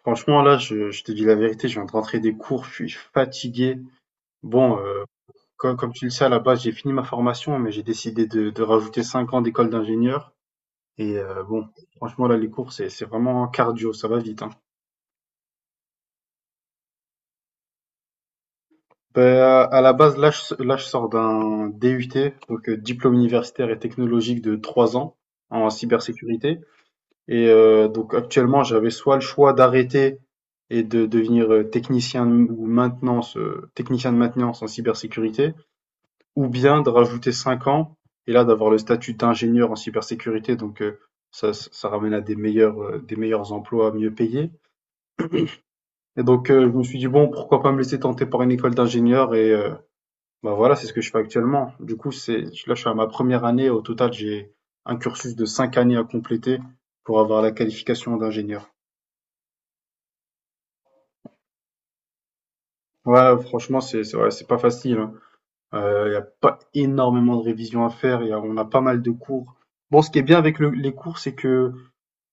Franchement, là, je te dis la vérité, je viens de rentrer des cours, je suis fatigué. Bon, comme, tu le sais, à la base, j'ai fini ma formation, mais j'ai décidé de rajouter 5 ans d'école d'ingénieur. Et bon, franchement, là, les cours, c'est vraiment cardio, ça va vite, hein. Ben, à la base, là, je sors d'un DUT, donc diplôme universitaire et technologique de 3 ans en cybersécurité. Et donc, actuellement, j'avais soit le choix d'arrêter et de devenir technicien ou maintenance, technicien de maintenance en cybersécurité, ou bien de rajouter 5 ans, et là d'avoir le statut d'ingénieur en cybersécurité, donc ça ramène à des meilleurs, des meilleurs emplois mieux payés. Et donc je me suis dit, bon, pourquoi pas me laisser tenter par une école d'ingénieur et bah voilà, c'est ce que je fais actuellement. Du coup, là je suis à ma première année, au total j'ai un cursus de 5 années à compléter pour avoir la qualification d'ingénieur. Ouais, franchement, c'est ouais, c'est pas facile, hein. Il y a pas énormément de révisions à faire. Il y a, on a pas mal de cours. Bon, ce qui est bien avec les cours, c'est que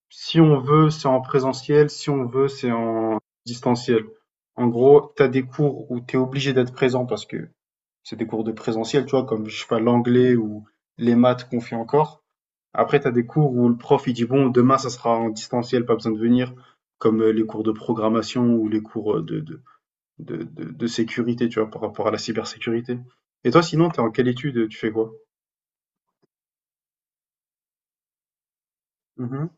si on veut, c'est en présentiel, si on veut, c'est en distanciel. En gros, tu as des cours où tu es obligé d'être présent parce que c'est des cours de présentiel, tu vois, comme je sais pas, l'anglais ou les maths qu'on fait encore. Après, tu as des cours où le prof il dit bon, demain ça sera en distanciel, pas besoin de venir, comme les cours de programmation ou les cours de sécurité, tu vois, par rapport à la cybersécurité. Et toi, sinon, t'es en quelle étude? Tu fais quoi? Mhm.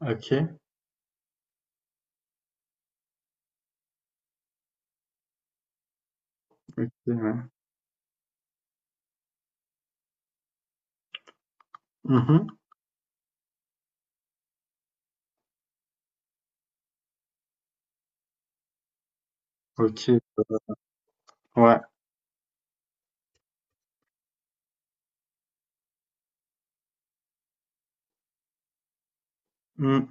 Ok. Ok, ouais. Mhm. Ok. Ouais. Mm.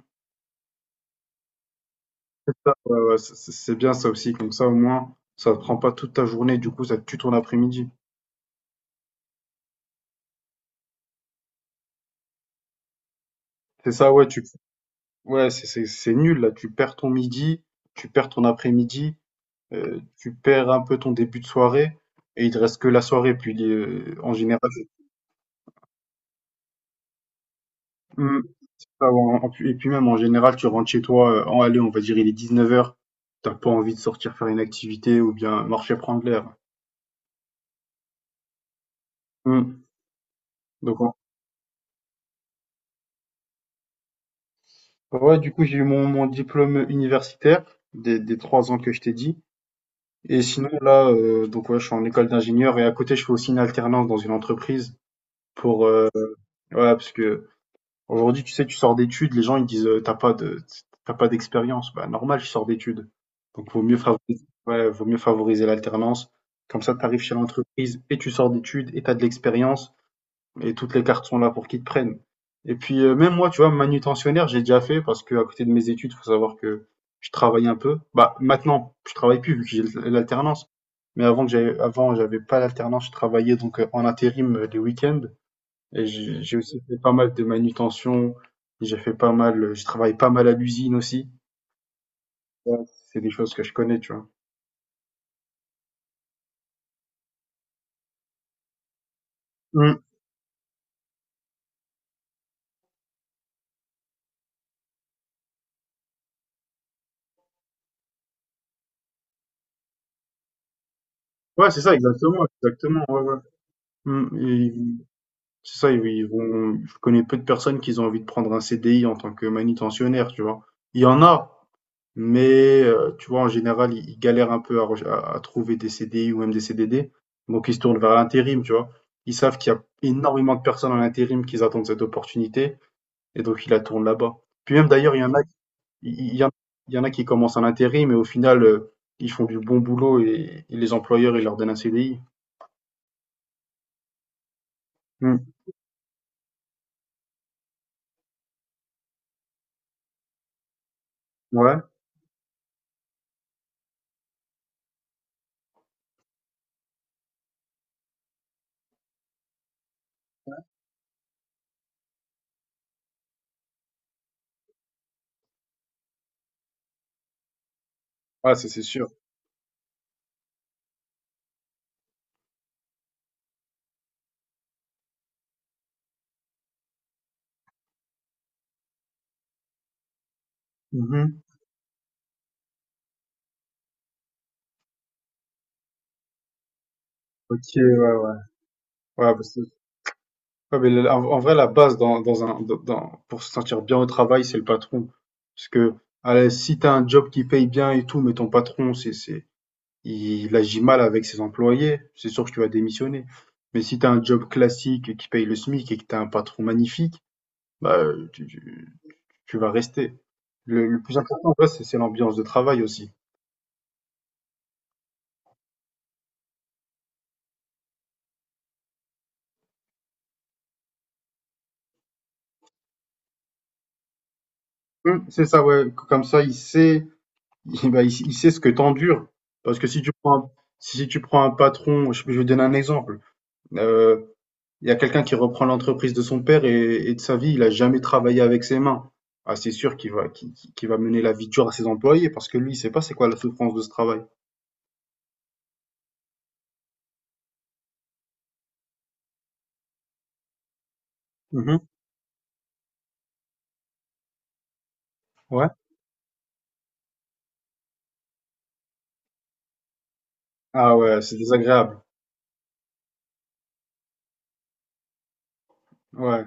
C'est ça, ouais, ouais, c'est bien ça aussi, comme ça au moins ça te prend pas toute ta journée, du coup ça te tue ton après-midi. C'est ça, ouais, tu ouais, c'est nul là, tu perds ton midi, tu perds ton après-midi, tu perds un peu ton début de soirée, et il te reste que la soirée, puis en général, hum, ah ouais, et puis même en général, tu rentres chez toi, en allée, on va dire il est 19 heures, t'as pas envie de sortir faire une activité ou bien marcher prendre l'air. Hum. Donc en- ouais, du coup j'ai eu mon diplôme universitaire des 3 ans que je t'ai dit. Et sinon, là, donc ouais, je suis en école d'ingénieur et à côté, je fais aussi une alternance dans une entreprise pour, heu ouais, parce que aujourd'hui tu sais, tu sors d'études, les gens ils disent, «Tu pas de t pas d'expérience». Bah, normal, je sors d'études. Donc vaut mieux favoriser ouais, vaut mieux favoriser l'alternance. Comme ça, tu arrives chez l'entreprise et tu sors d'études et t'as de l'expérience. Et toutes les cartes sont là pour qu'ils te prennent. Et puis, même moi, tu vois, manutentionnaire, j'ai déjà fait parce que à côté de mes études, faut savoir que je travaillais un peu. Bah, maintenant, je travaille plus vu que j'ai l'alternance. Mais avant, j'avais pas l'alternance, je travaillais donc en intérim les week-ends. Et j'ai aussi fait pas mal de manutention. J'ai fait pas mal, je travaille pas mal à l'usine aussi. Ouais, c'est des choses que je connais, tu vois. Mm. Ouais, c'est ça, exactement, exactement, ouais, ouais. Mm. C'est ça, ils ils vont je connais peu de personnes qui ont envie de prendre un CDI en tant que manutentionnaire, tu vois? Il y en a, mais tu vois, en général, ils galèrent un peu à reche à trouver des CDI ou même des CDD, donc ils se tournent vers l'intérim, tu vois? Ils savent qu'il y a énormément de personnes en intérim qui attendent cette opportunité et donc ils la tournent là-bas. Puis même d'ailleurs, il il y en il y en a qui commencent en intérim mais au final, ils font du bon boulot et les employeurs, ils leur donnent un CDI. Mmh, ouais, ouais, ça c'est sûr. Mmh, OK, ouais, ouais. Ouais, bah, c'est ouais, mais en vrai, la base dans, dans un, dans- dans- pour se sentir bien au travail, c'est le patron. Parce que allez, si tu as un job qui paye bien et tout, mais ton patron, il agit mal avec ses employés, c'est sûr que tu vas démissionner. Mais si tu as un job classique qui paye le SMIC et que tu as un patron magnifique, bah, tu vas rester. Le plus important, en vrai, c'est l'ambiance de travail aussi. C'est ça, ouais. Comme ça, il sait, bah, il sait ce que t'endures. Parce que si tu prends un patron, je vais donner un exemple. Euh, Il y a quelqu'un qui reprend l'entreprise de son père et de sa vie, il a jamais travaillé avec ses mains. Ah, c'est sûr qu'il va mener la vie dure à ses employés parce que lui, il sait pas c'est quoi la souffrance de ce travail. Mhm. Ouais. Ah ouais, c'est désagréable. Ouais,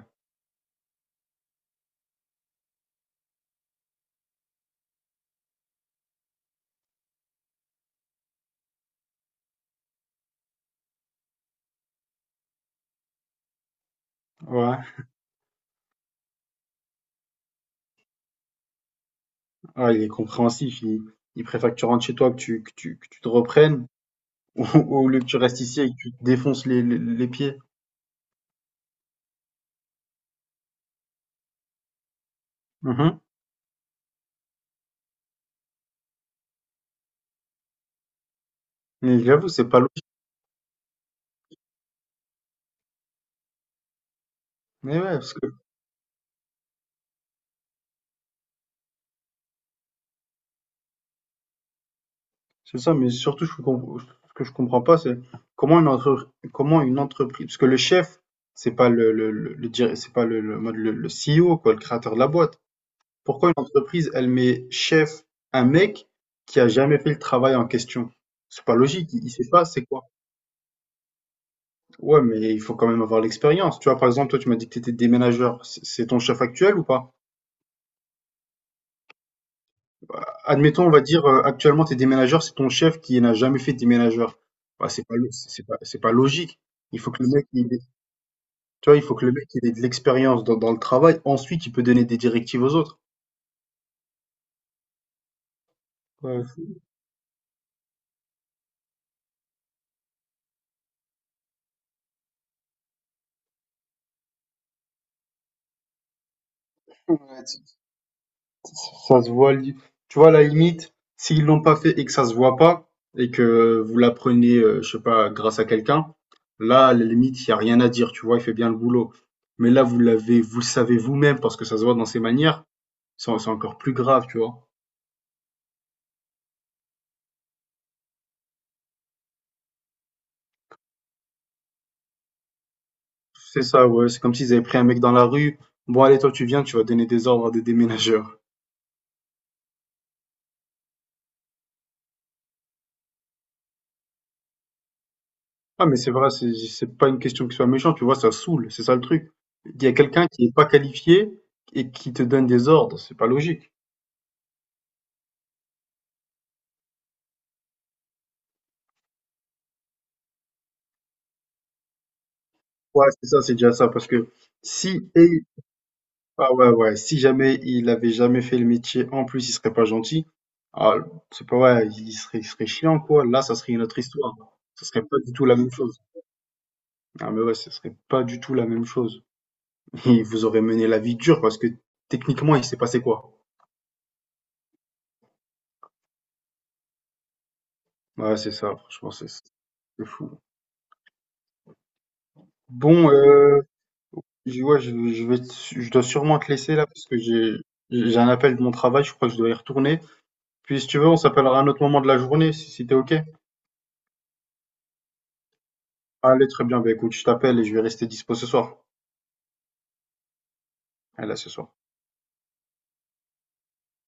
ouais. Ah, il est compréhensif. Il préfère que tu rentres chez toi, que tu te reprennes, au lieu que tu restes ici et que tu te défonces les pieds. Mhm. Mais j'avoue, c'est pas logique. Mais ouais. parce que C'est ça, mais surtout, ce que je comprends pas, c'est comment une entreprise, parce que le chef, c'est pas c'est pas le CEO, quoi, le créateur de la boîte. Pourquoi une entreprise, elle met chef un mec qui a jamais fait le travail en question? C'est pas logique, il sait pas c'est quoi. Ouais, mais il faut quand même avoir l'expérience. Tu vois, par exemple, toi, tu m'as dit que tu étais déménageur, c'est ton chef actuel ou pas? Admettons, on va dire, actuellement, tu es déménageur, c'est ton chef qui n'a jamais fait de déménageur. Bah, c'est pas, lo- c'est pas logique. Il faut que le mec il Tu vois, il faut que le mec il ait de l'expérience dans le travail. Ensuite, il peut donner des directives aux autres. Ouais, ouais, c'est- ça se voit. Tu vois, à la limite, s'ils l'ont pas fait et que ça se voit pas, et que vous l'apprenez, je sais pas, grâce à quelqu'un, là, à la limite, il y a rien à dire. Tu vois, il fait bien le boulot. Mais là, vous l'avez, vous le savez vous-même parce que ça se voit dans ses manières. C'est encore plus grave, tu vois. C'est ça, ouais. C'est comme s'ils avaient pris un mec dans la rue. Bon, allez, toi, tu viens, tu vas donner des ordres à des déménageurs. Ah, mais c'est vrai, c'est pas une question qu'il soit méchant, tu vois, ça saoule, c'est ça le truc. Il y a quelqu'un qui est pas qualifié et qui te donne des ordres, c'est pas logique. Ouais, c'est ça, c'est déjà ça, parce que si, et, ah ouais, ouais, si jamais il avait jamais fait le métier, en plus, il serait pas gentil, ah, c'est pas, ouais, il serait chiant, quoi. Là, ça serait une autre histoire. Ça serait pas du tout la même chose. Ah, mais ouais, ça serait pas du tout la même chose. Il vous aurait mené la vie dure, parce que techniquement, il s'est passé quoi? Ouais, c'est ça, franchement, c'est fou. Bon, ouais, je dois sûrement te laisser là parce que j'ai un appel de mon travail, je crois que je dois y retourner. Puis si tu veux, on s'appellera à un autre moment de la journée, si t'es OK. Allez, très bien, bah écoute, je t'appelle et je vais rester dispo ce soir. Allez, à ce soir.